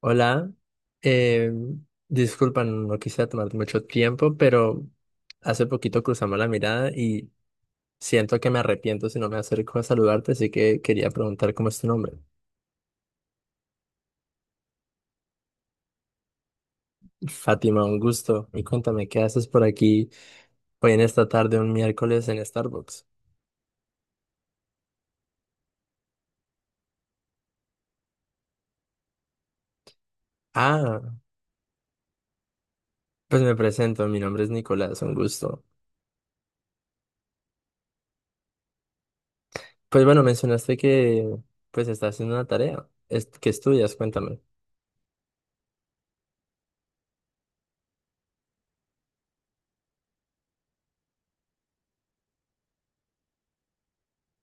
Hola, eh, disculpa, no quisiera tomarte mucho tiempo, pero hace poquito cruzamos la mirada y siento que me arrepiento si no me acerco a saludarte, así que quería preguntar cómo es tu nombre. Fátima, un gusto. Y cuéntame, ¿qué haces por aquí hoy en esta tarde, un miércoles en Starbucks? Ah, pues me presento, mi nombre es Nicolás, un gusto. Pues bueno, mencionaste que pues estás haciendo una tarea. ¿Qué estudias? Cuéntame.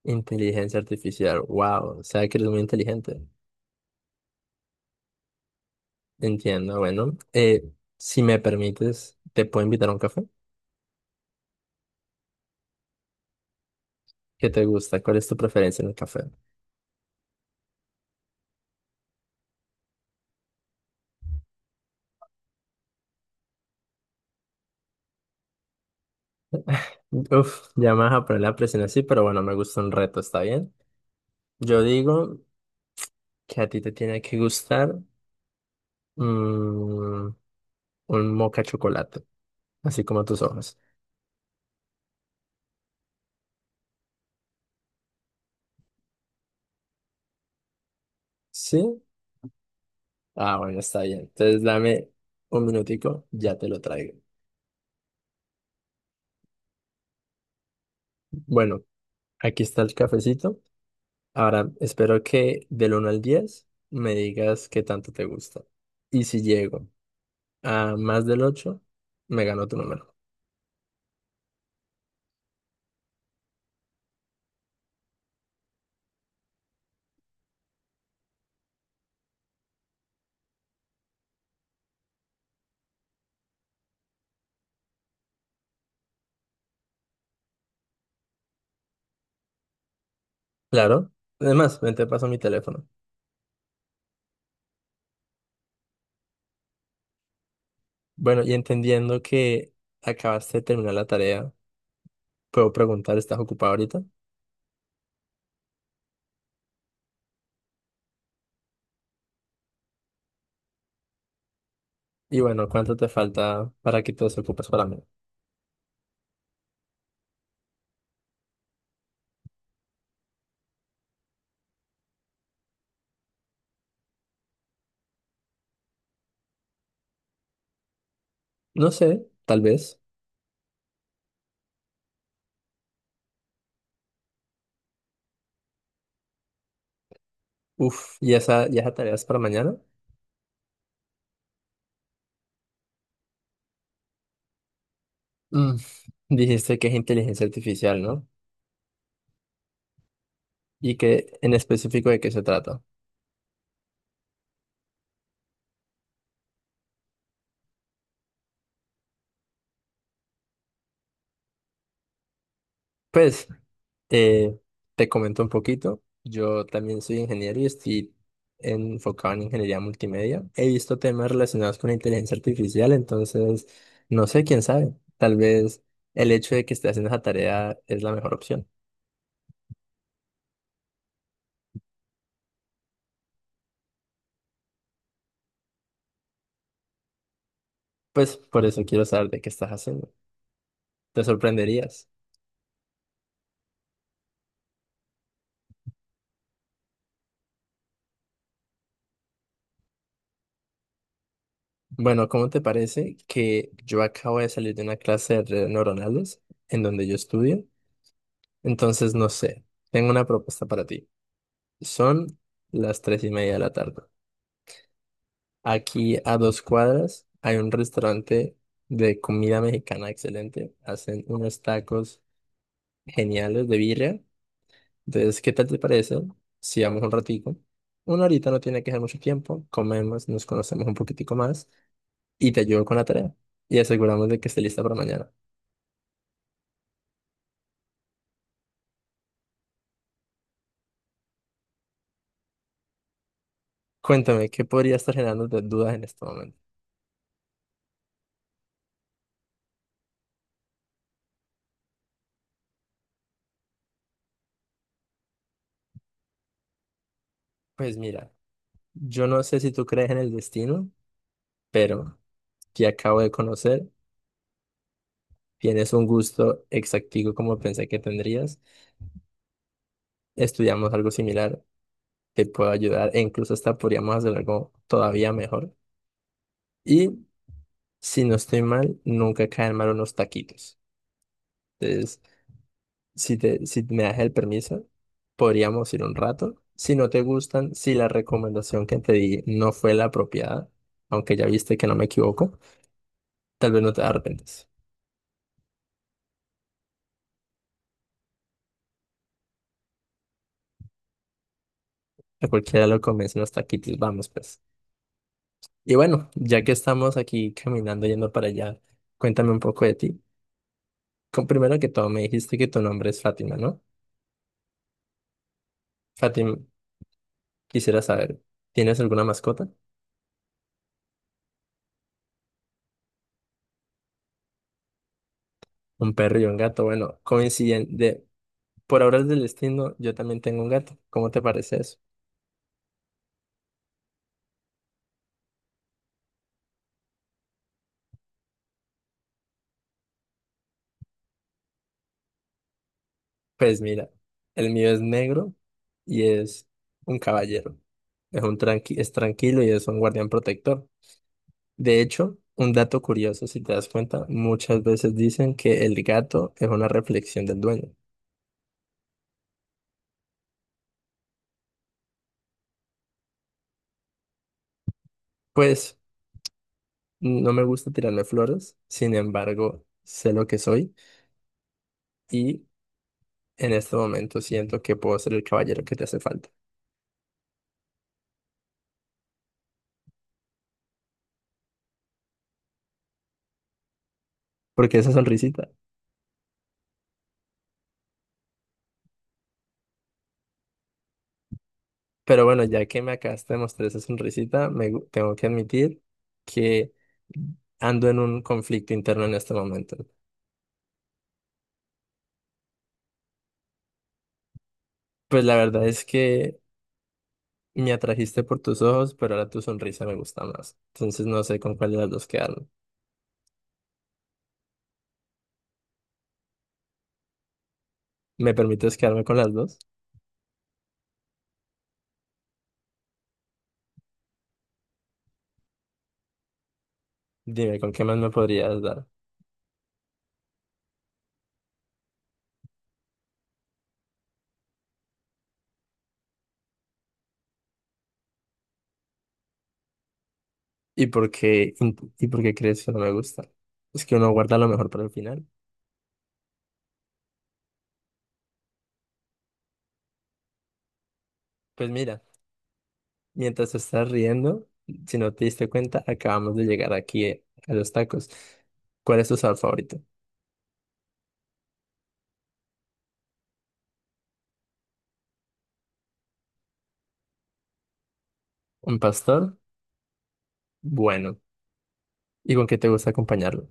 Inteligencia artificial, wow, o sea que eres muy inteligente. Entiendo, bueno, si me permites, te puedo invitar a un café. ¿Qué te gusta? ¿Cuál es tu preferencia en el café? Uf, ya me vas a poner la presión así, pero bueno, me gusta un reto, ¿está bien? Yo digo que a ti te tiene que gustar mm, un moca chocolate, así como tus ojos. ¿Sí? Ah, bueno, está bien. Entonces dame un minutico, ya te lo traigo. Bueno, aquí está el cafecito. Ahora, espero que del 1 al 10 me digas qué tanto te gusta. Y si llego a más del 8 me gano tu número. Claro. Además, ven, te paso mi teléfono. Bueno, y entendiendo que acabaste de terminar la tarea, puedo preguntar, ¿estás ocupado ahorita? Y bueno, ¿cuánto te falta para que te desocupes para mí? No sé, tal vez. Uf, ¿y esa tarea es para mañana? Mm, Dijiste que es inteligencia artificial, ¿no? Y que en específico de qué se trata. Pues Eh, te comento un poquito, yo también soy ingeniero y estoy enfocado en ingeniería multimedia. He visto temas relacionados con inteligencia artificial, entonces no sé, quién sabe, tal vez el hecho de que estés haciendo esa tarea es la mejor opción. Pues por eso quiero saber de qué estás haciendo. Te sorprenderías. Bueno, ¿cómo te parece que yo acabo de salir de una clase de redes neuronales en donde yo estudio? Entonces, no sé, tengo una propuesta para ti. Son las 3:30 de la tarde. Aquí a dos cuadras hay un restaurante de comida mexicana excelente. Hacen unos tacos geniales de birria. Entonces, ¿qué tal te parece si vamos un ratico? Una horita no tiene que ser mucho tiempo. Comemos, nos conocemos un poquitico más y te ayudo con la tarea. Y aseguramos de que esté lista para mañana. Cuéntame, ¿qué podría estar generando dudas en este momento? Pues mira, yo no sé si tú crees en el destino, pero te acabo de conocer. Tienes un gusto exactivo como pensé que tendrías. Estudiamos algo similar que pueda ayudar e incluso hasta podríamos hacer algo todavía mejor. Y si no estoy mal, nunca caen mal unos taquitos. Entonces, si me das el permiso, podríamos ir un rato. Si no te gustan, si la recomendación que te di no fue la apropiada, aunque ya viste que no me equivoco, tal vez no te arrepientes. A cualquiera lo convencen los taquitos, vamos pues. Y bueno, ya que estamos aquí caminando yendo para allá, cuéntame un poco de ti. Primero que todo, me dijiste que tu nombre es Fátima, ¿no? Fátima, quisiera saber, ¿tienes alguna mascota? Un perro y un gato. Bueno, coincidente, por obras del destino, yo también tengo un gato. ¿Cómo te parece eso? Pues mira, el mío es negro y es un caballero. Es un tranqui, es tranquilo y es un guardián protector. De hecho, un dato curioso, si te das cuenta, muchas veces dicen que el gato es una reflexión del dueño. Pues no me gusta tirarme flores, sin embargo, sé lo que soy y en este momento siento que puedo ser el caballero que te hace falta. Porque esa sonrisita. Pero bueno, ya que me acabas de mostrar esa sonrisita, tengo que admitir que ando en un conflicto interno en este momento. Pues la verdad es que me atrajiste por tus ojos, pero ahora tu sonrisa me gusta más. Entonces no sé con cuál de las dos quedarme. ¿Me permites quedarme con las dos? Dime, ¿con qué más me podrías dar? ¿Y por qué crees que no me gusta? Es que uno guarda lo mejor para el final. Pues mira, mientras te estás riendo, si no te diste cuenta, acabamos de llegar aquí a los tacos. ¿Cuál es tu sabor favorito? ¿Un pastor? Bueno. ¿Y con qué te gusta acompañarlo?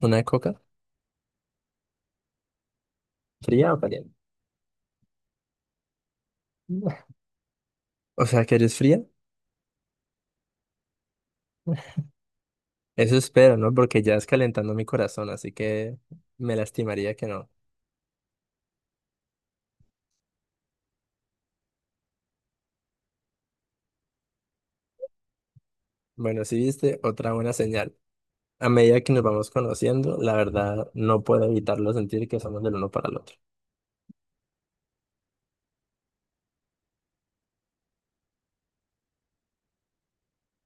¿Una coca? ¿Fría o caliente? O sea, que eres fría. Eso espero, ¿no? Porque ya es calentando mi corazón, así que me lastimaría que no. Bueno, si viste, otra buena señal. A medida que nos vamos conociendo, la verdad no puedo evitarlo sentir que somos del uno para el otro.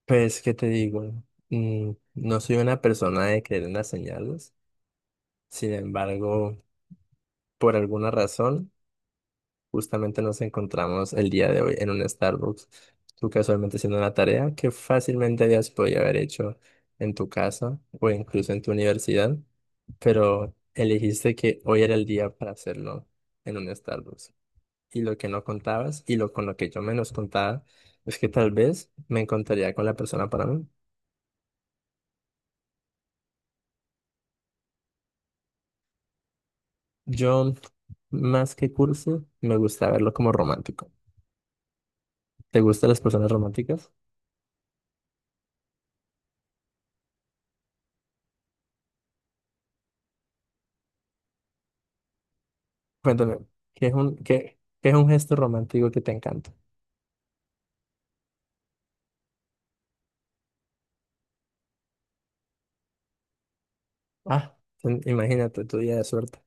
Pues, ¿qué te digo? No soy una persona de creer en las señales. Sin embargo, por alguna razón, justamente nos encontramos el día de hoy en un Starbucks. Tú casualmente haciendo una tarea que fácilmente habías podido haber hecho en tu casa o incluso en tu universidad, pero elegiste que hoy era el día para hacerlo en un Starbucks. Y lo que no contabas y lo con lo que yo menos contaba es que tal vez me encontraría con la persona para mí. Yo, más que cursi me gusta verlo como romántico. ¿Te gustan las personas románticas? Cuéntame, ¿qué es un gesto romántico que te encanta? Ah, imagínate tu día de suerte.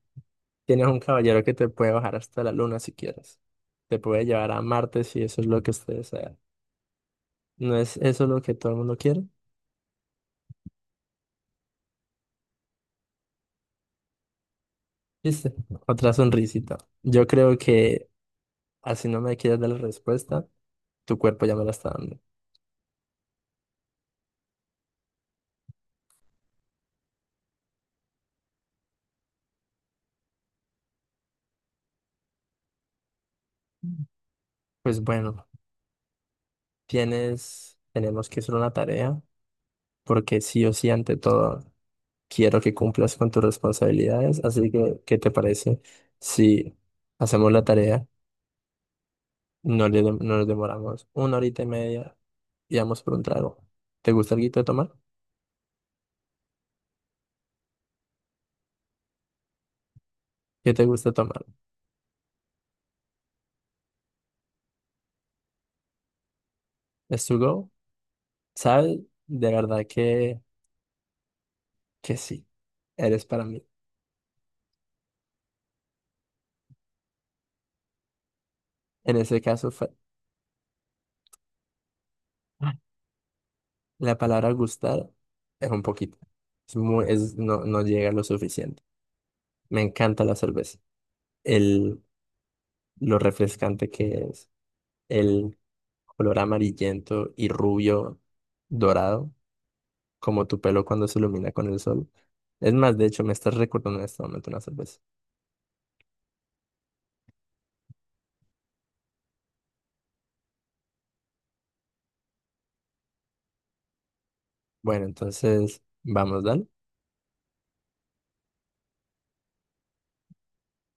Tienes un caballero que te puede bajar hasta la luna si quieres. Te puede llevar a Marte si eso es lo que usted desea. ¿No es eso lo que todo el mundo quiere? ¿Viste? Otra sonrisita. Yo creo que así no me quieres dar la respuesta, tu cuerpo ya me la está dando. Pues bueno, tenemos que hacer una tarea, porque sí o sí, ante todo, quiero que cumplas con tus responsabilidades. Así que, ¿qué te parece si hacemos la tarea? No nos demoramos una horita y media y vamos por un trago. ¿Te gusta algo de tomar? ¿Qué te gusta tomar? ¿Es to go? ¿Sabes? De verdad que sí. Eres para mí. En ese caso fue. La palabra gustar es un poquito. No, no llega lo suficiente. Me encanta la cerveza. El, lo refrescante que es. El color amarillento y rubio dorado, como tu pelo cuando se ilumina con el sol. Es más, de hecho, me estás recordando en este momento una cerveza. Bueno, entonces, vamos, dale.